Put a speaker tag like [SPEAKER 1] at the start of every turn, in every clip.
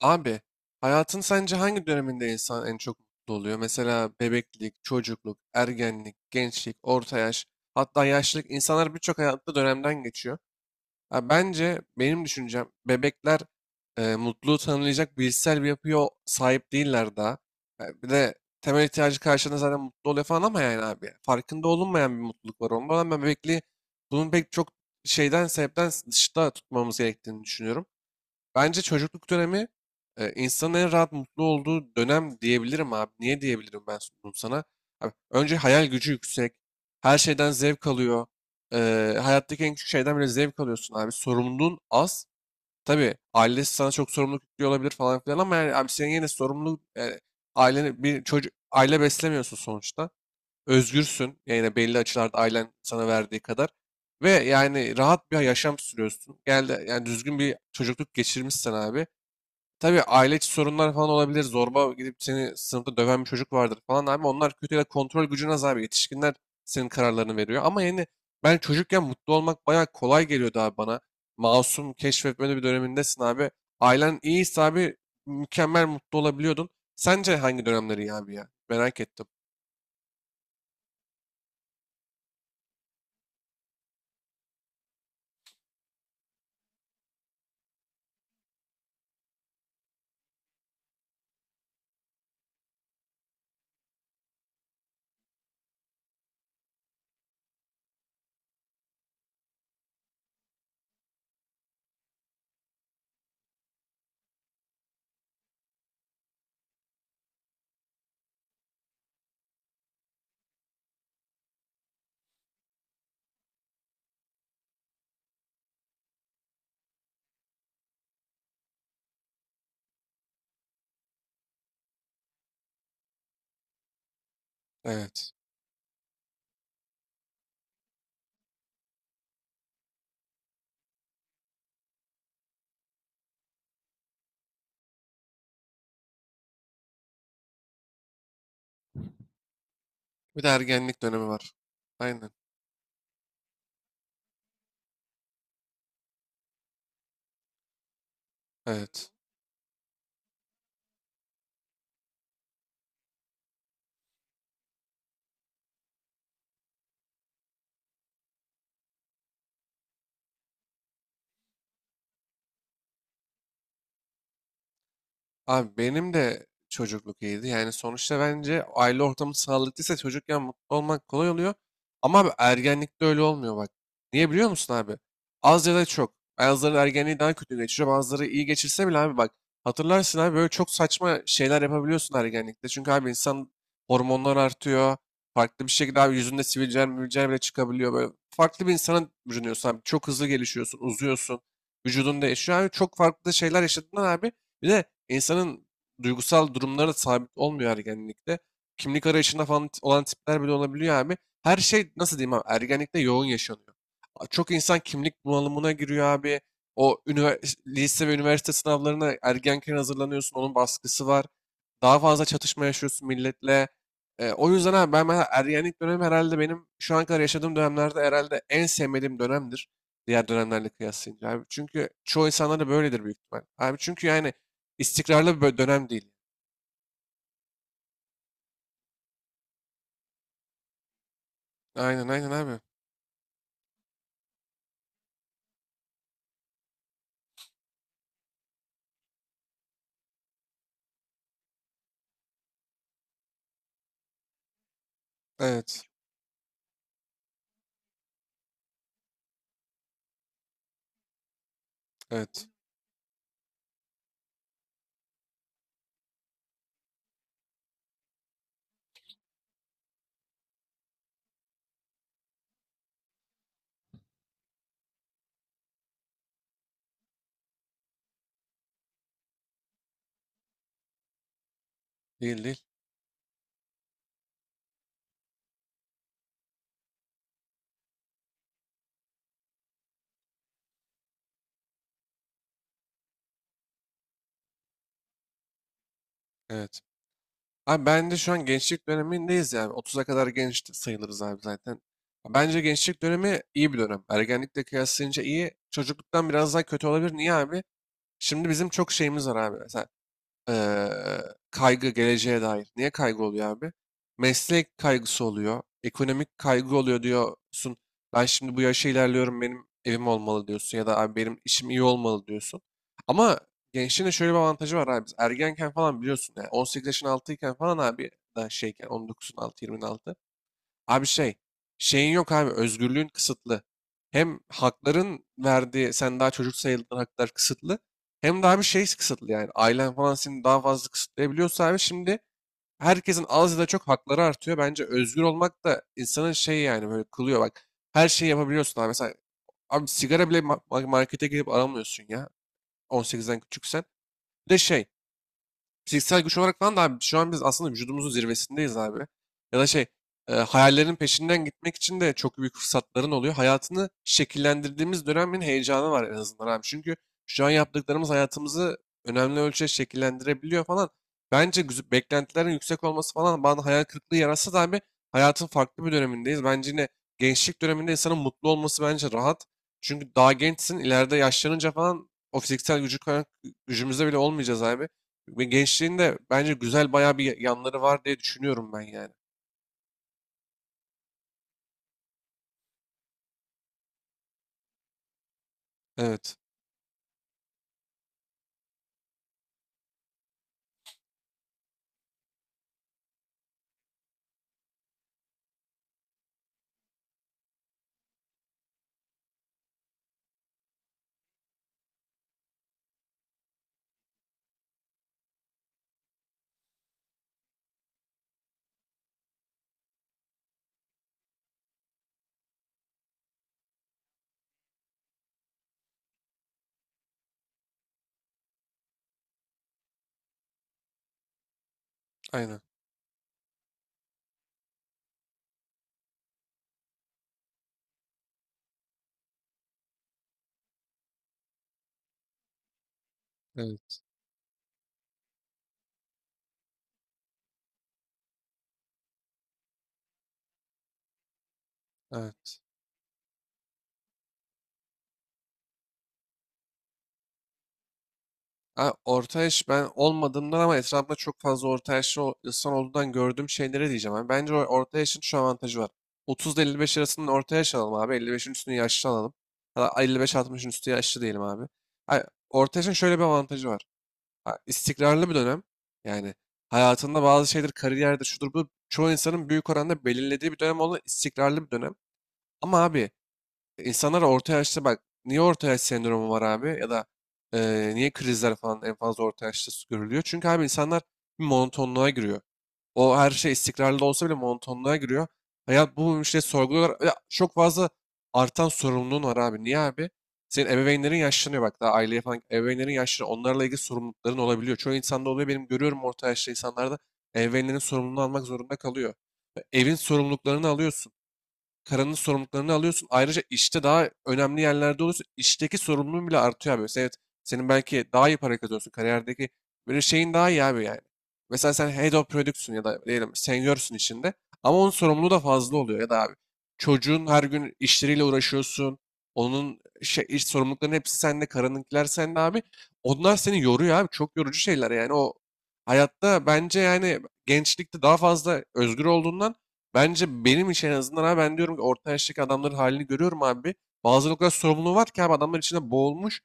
[SPEAKER 1] Abi, hayatın sence hangi döneminde insan en çok mutlu oluyor? Mesela bebeklik, çocukluk, ergenlik, gençlik, orta yaş, hatta yaşlılık. İnsanlar birçok hayatta dönemden geçiyor. Ha, bence benim düşüncem bebekler mutluluğu tanımlayacak bilişsel bir yapıya sahip değiller daha. Bir de temel ihtiyacı karşılığında zaten mutlu oluyor falan ama yani abi farkında olunmayan bir mutluluk var. Ondan ben bebekliği bunun pek çok şeyden sebepten dışta tutmamız gerektiğini düşünüyorum. Bence çocukluk dönemi insanın en rahat mutlu olduğu dönem diyebilirim abi. Niye diyebilirim ben bunu sana? Abi, önce hayal gücü yüksek. Her şeyden zevk alıyor. E, Hayattaki en küçük şeyden bile zevk alıyorsun abi. Sorumluluğun az. Tabii ailesi sana çok sorumluluk yüklüyor olabilir falan filan ama yani abi senin yine sorumluluk yani aileni bir çocuk aile beslemiyorsun sonuçta özgürsün. Yani belli açılarda ailen sana verdiği kadar. Ve yani rahat bir yaşam sürüyorsun. Geldi yani düzgün bir çocukluk geçirmişsin abi. Tabii aile içi sorunlar falan olabilir. Zorba gidip seni sınıfta döven bir çocuk vardır falan abi. Onlar kötü ya da kontrol gücüne az abi. Yetişkinler senin kararlarını veriyor. Ama yani ben çocukken mutlu olmak bayağı kolay geliyordu abi bana. Masum keşfetmeli bir dönemindesin abi. Ailen iyiyse abi mükemmel mutlu olabiliyordun. Sence hangi dönemleri iyi abi ya? Merak ettim. Evet. Bir de ergenlik dönemi var. Aynen. Evet. Abi benim de çocukluk iyiydi. Yani sonuçta bence aile ortamı sağlıklıysa çocukken mutlu olmak kolay oluyor. Ama abi ergenlikte öyle olmuyor bak. Niye biliyor musun abi? Az ya da çok. Bazıları ergenliği daha kötü geçiriyor. Bazıları iyi geçirse bile abi bak. Hatırlarsın abi böyle çok saçma şeyler yapabiliyorsun ergenlikte. Çünkü abi insan hormonlar artıyor. Farklı bir şekilde abi yüzünde sivilceler, mülceler bile çıkabiliyor. Böyle farklı bir insana bürünüyorsun abi. Çok hızlı gelişiyorsun, uzuyorsun. Vücudun değişiyor abi. Çok farklı şeyler yaşadığından abi. Bir de İnsanın duygusal durumları da sabit olmuyor ergenlikte. Kimlik arayışında falan olan tipler bile olabiliyor abi. Her şey nasıl diyeyim abi ergenlikte yoğun yaşanıyor. Çok insan kimlik bunalımına giriyor abi. O ünivers- lise ve üniversite sınavlarına ergenken hazırlanıyorsun. Onun baskısı var. Daha fazla çatışma yaşıyorsun milletle. O yüzden abi ben mesela ergenlik dönemi herhalde benim şu an kadar yaşadığım dönemlerde herhalde en sevmediğim dönemdir. Diğer dönemlerle kıyaslayınca abi. Çünkü çoğu insanlar da böyledir büyük ihtimal. Abi çünkü yani istikrarlı bir bö- dönem değil. Aynen abi. Evet. Evet. Değil. Evet. Abi ben de şu an gençlik dönemindeyiz yani. 30'a kadar genç sayılırız abi zaten. Bence gençlik dönemi iyi bir dönem. Ergenlikle kıyaslayınca iyi. Çocukluktan biraz daha kötü olabilir. Niye abi? Şimdi bizim çok şeyimiz var abi. Eee, Kaygı geleceğe dair. Niye kaygı oluyor abi? Meslek kaygısı oluyor. Ekonomik kaygı oluyor diyorsun. Ben şimdi bu yaşa ilerliyorum benim evim olmalı diyorsun ya da abi benim işim iyi olmalı diyorsun. Ama gençliğin de şöyle bir avantajı var abi. Biz ergenken falan biliyorsun yani 18 yaşın altıyken falan abi daha şeyken 19'un altı 20'nin altı. Abi şey, şeyin yok abi, özgürlüğün kısıtlı. Hem hakların verdiği, sen daha çocuk sayıldığın haklar kısıtlı. Hem daha bir şey kısıtlı yani, ailen falan seni daha fazla kısıtlayabiliyorsa abi şimdi herkesin az ya da çok hakları artıyor. Bence özgür olmak da insanın şey yani böyle kılıyor bak. Her şeyi yapabiliyorsun abi. Mesela abi sigara bile ma- markete gidip alamıyorsun ya. 18'den küçüksen. Bir de şey, fiziksel güç olarak falan da abi şu an biz aslında vücudumuzun zirvesindeyiz abi. Ya da şey hayallerin peşinden gitmek için de çok büyük fırsatların oluyor. Hayatını şekillendirdiğimiz dönemin heyecanı var en azından abi. Çünkü şu an yaptıklarımız hayatımızı önemli ölçüde şekillendirebiliyor falan. Bence güz- beklentilerin yüksek olması falan bana hayal kırıklığı yaratsa da abi hayatın farklı bir dönemindeyiz. Bence yine gençlik döneminde insanın mutlu olması bence rahat. Çünkü daha gençsin ileride yaşlanınca falan o fiziksel gücü, gücümüzde bile olmayacağız abi. Ve gençliğinde bence güzel bayağı bir yanları var diye düşünüyorum ben yani. Evet, aynen. Evet, evet. Ha, orta yaş ben olmadığımdan ama etrafımda çok fazla orta yaşlı o- insan olduğundan gördüğüm şeylere diyeceğim abi. Bence o orta yaşın şu avantajı var. 30 ile 55 arasının orta yaş alalım abi. 55'in üstünü yaşlı alalım. Ya da 55-60'ın üstü yaşlı diyelim abi. Ha, orta yaşın şöyle bir avantajı var. Ha, istikrarlı bir dönem. Yani hayatında bazı şeyler, kariyerdir, şudur bu. Çoğu insanın büyük oranda belirlediği bir dönem olan istikrarlı bir dönem. Ama abi İnsanlar orta yaşta bak niye orta yaş sendromu var abi ya da niye krizler falan en fazla orta yaşta s- görülüyor? Çünkü abi insanlar bir monotonluğa giriyor. O her şey istikrarlı olsa bile monotonluğa giriyor. Hayat bu işte sorguluyorlar. Ya, çok fazla artan sorumluluğun var abi. Niye abi? Senin ebeveynlerin yaşlanıyor bak daha aileye falan ebeveynlerin yaşlanıyor. Onlarla ilgili sorumlulukların olabiliyor. Çoğu insanda oluyor. Benim görüyorum orta yaşlı insanlarda ebeveynlerin sorumluluğunu almak zorunda kalıyor. Evin sorumluluklarını alıyorsun. Karanın sorumluluklarını alıyorsun. Ayrıca işte daha önemli yerlerde oluyorsun. İşteki sorumluluğun bile artıyor abi. Mesela evet, senin belki daha iyi para kazanıyorsun. Kariyerdeki böyle şeyin daha iyi abi yani. Mesela sen head of product'sun ya da diyelim senior'sun içinde. Ama onun sorumluluğu da fazla oluyor ya da abi. Çocuğun her gün işleriyle uğraşıyorsun. Onun şey, iş sorumluluklarının hepsi sende. Karınınkiler sende abi. Onlar seni yoruyor abi. Çok yorucu şeyler yani. O hayatta bence yani gençlikte daha fazla özgür olduğundan bence benim için en azından abi ben diyorum ki orta yaştaki adamların halini görüyorum abi. Bazıları o kadar sorumluluğu var ki abi adamlar içinde boğulmuş.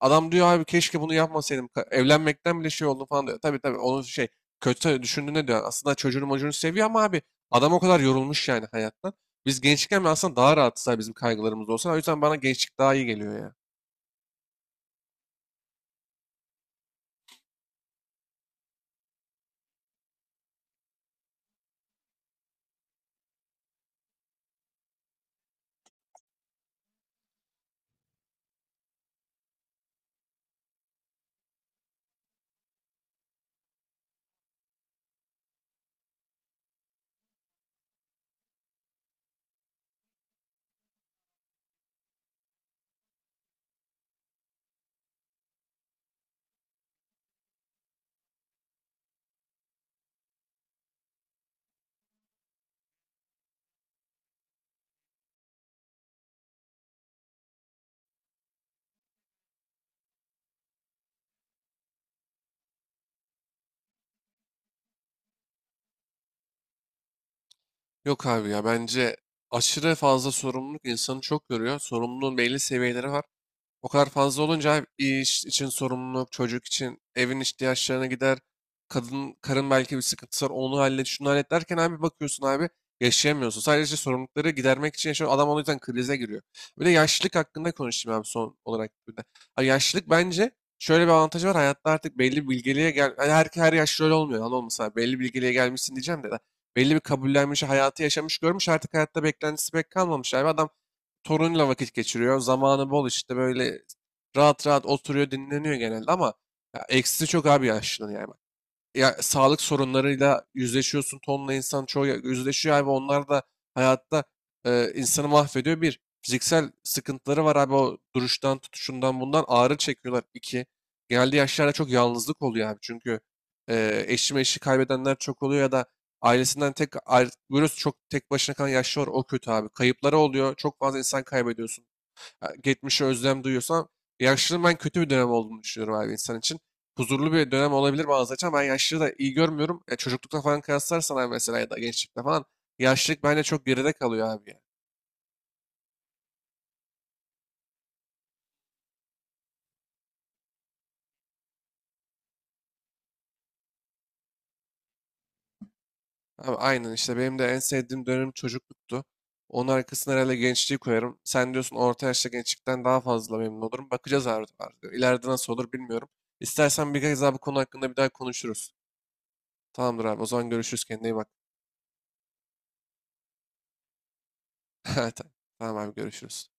[SPEAKER 1] Adam diyor abi keşke bunu yapmasaydım. Ka- evlenmekten bile şey oldu falan diyor. Tabii onun şey kötü düşündüğüne diyor. Aslında çocuğunu mocuğunu seviyor ama abi adam o kadar yorulmuş yani hayattan. Biz gençken aslında daha rahatız abi bizim kaygılarımız olsa. O yüzden bana gençlik daha iyi geliyor ya. Yok abi ya bence aşırı fazla sorumluluk insanı çok yoruyor. Sorumluluğun belli seviyeleri var. O kadar fazla olunca hem iş için sorumluluk, çocuk için evin ihtiyaçlarına gider. Kadın, karın belki bir sıkıntısı var onu hallet, şunu hallet derken abi bakıyorsun abi yaşayamıyorsun. Sadece işte sorumlulukları gidermek için yaşıyor. Adam o yüzden krize giriyor. Bir de yaşlılık hakkında konuşayım abi son olarak. Bir de. Abi yaşlılık bence şöyle bir avantajı var. Hayatta artık belli bir bilgeliğe gel... Yani her yaşlı öyle olmuyor. Anladın mı? Mesela belli bir bilgeliğe gelmişsin diyeceğim de. Belli bir kabullenmiş, hayatı yaşamış, görmüş. Artık hayatta beklentisi pek kalmamış abi. Adam torunuyla vakit geçiriyor. Zamanı bol işte böyle rahat rahat oturuyor dinleniyor genelde ama ya, eksisi çok abi yaşlının yani ya sağlık sorunlarıyla yüzleşiyorsun. Tonla insan çoğu ya- yüzleşiyor abi. Onlar da hayatta insanı mahvediyor. Bir, fiziksel sıkıntıları var abi. O duruştan, tutuşundan bundan ağrı çekiyorlar. İki, geldiği yaşlarda çok yalnızlık oluyor abi. Çünkü eşi meşi kaybedenler çok oluyor ya da ailesinden tek ayrı, böyle çok tek başına kalan yaşlı var. O kötü abi. Kayıpları oluyor. Çok fazla insan kaybediyorsun. Ha, geçmişe özlem duyuyorsam yaşlılığın ben kötü bir dönem olduğunu düşünüyorum abi insan için. Huzurlu bir dönem olabilir bazı açıdan. Ben yaşlılığı da iyi görmüyorum. Ya çocuklukta falan kıyaslarsan abi mesela ya da gençlikte falan yaşlılık bence çok geride kalıyor abi ya. Abi aynen işte benim de en sevdiğim dönem çocukluktu. Onun arkasına herhalde gençliği koyarım. Sen diyorsun orta yaşta gençlikten daha fazla memnun olurum. Bakacağız abi artık. İleride nasıl olur bilmiyorum. İstersen bir kez daha bu konu hakkında bir daha konuşuruz. Tamamdır abi. O zaman görüşürüz. Kendine iyi bak. Tamam abi görüşürüz.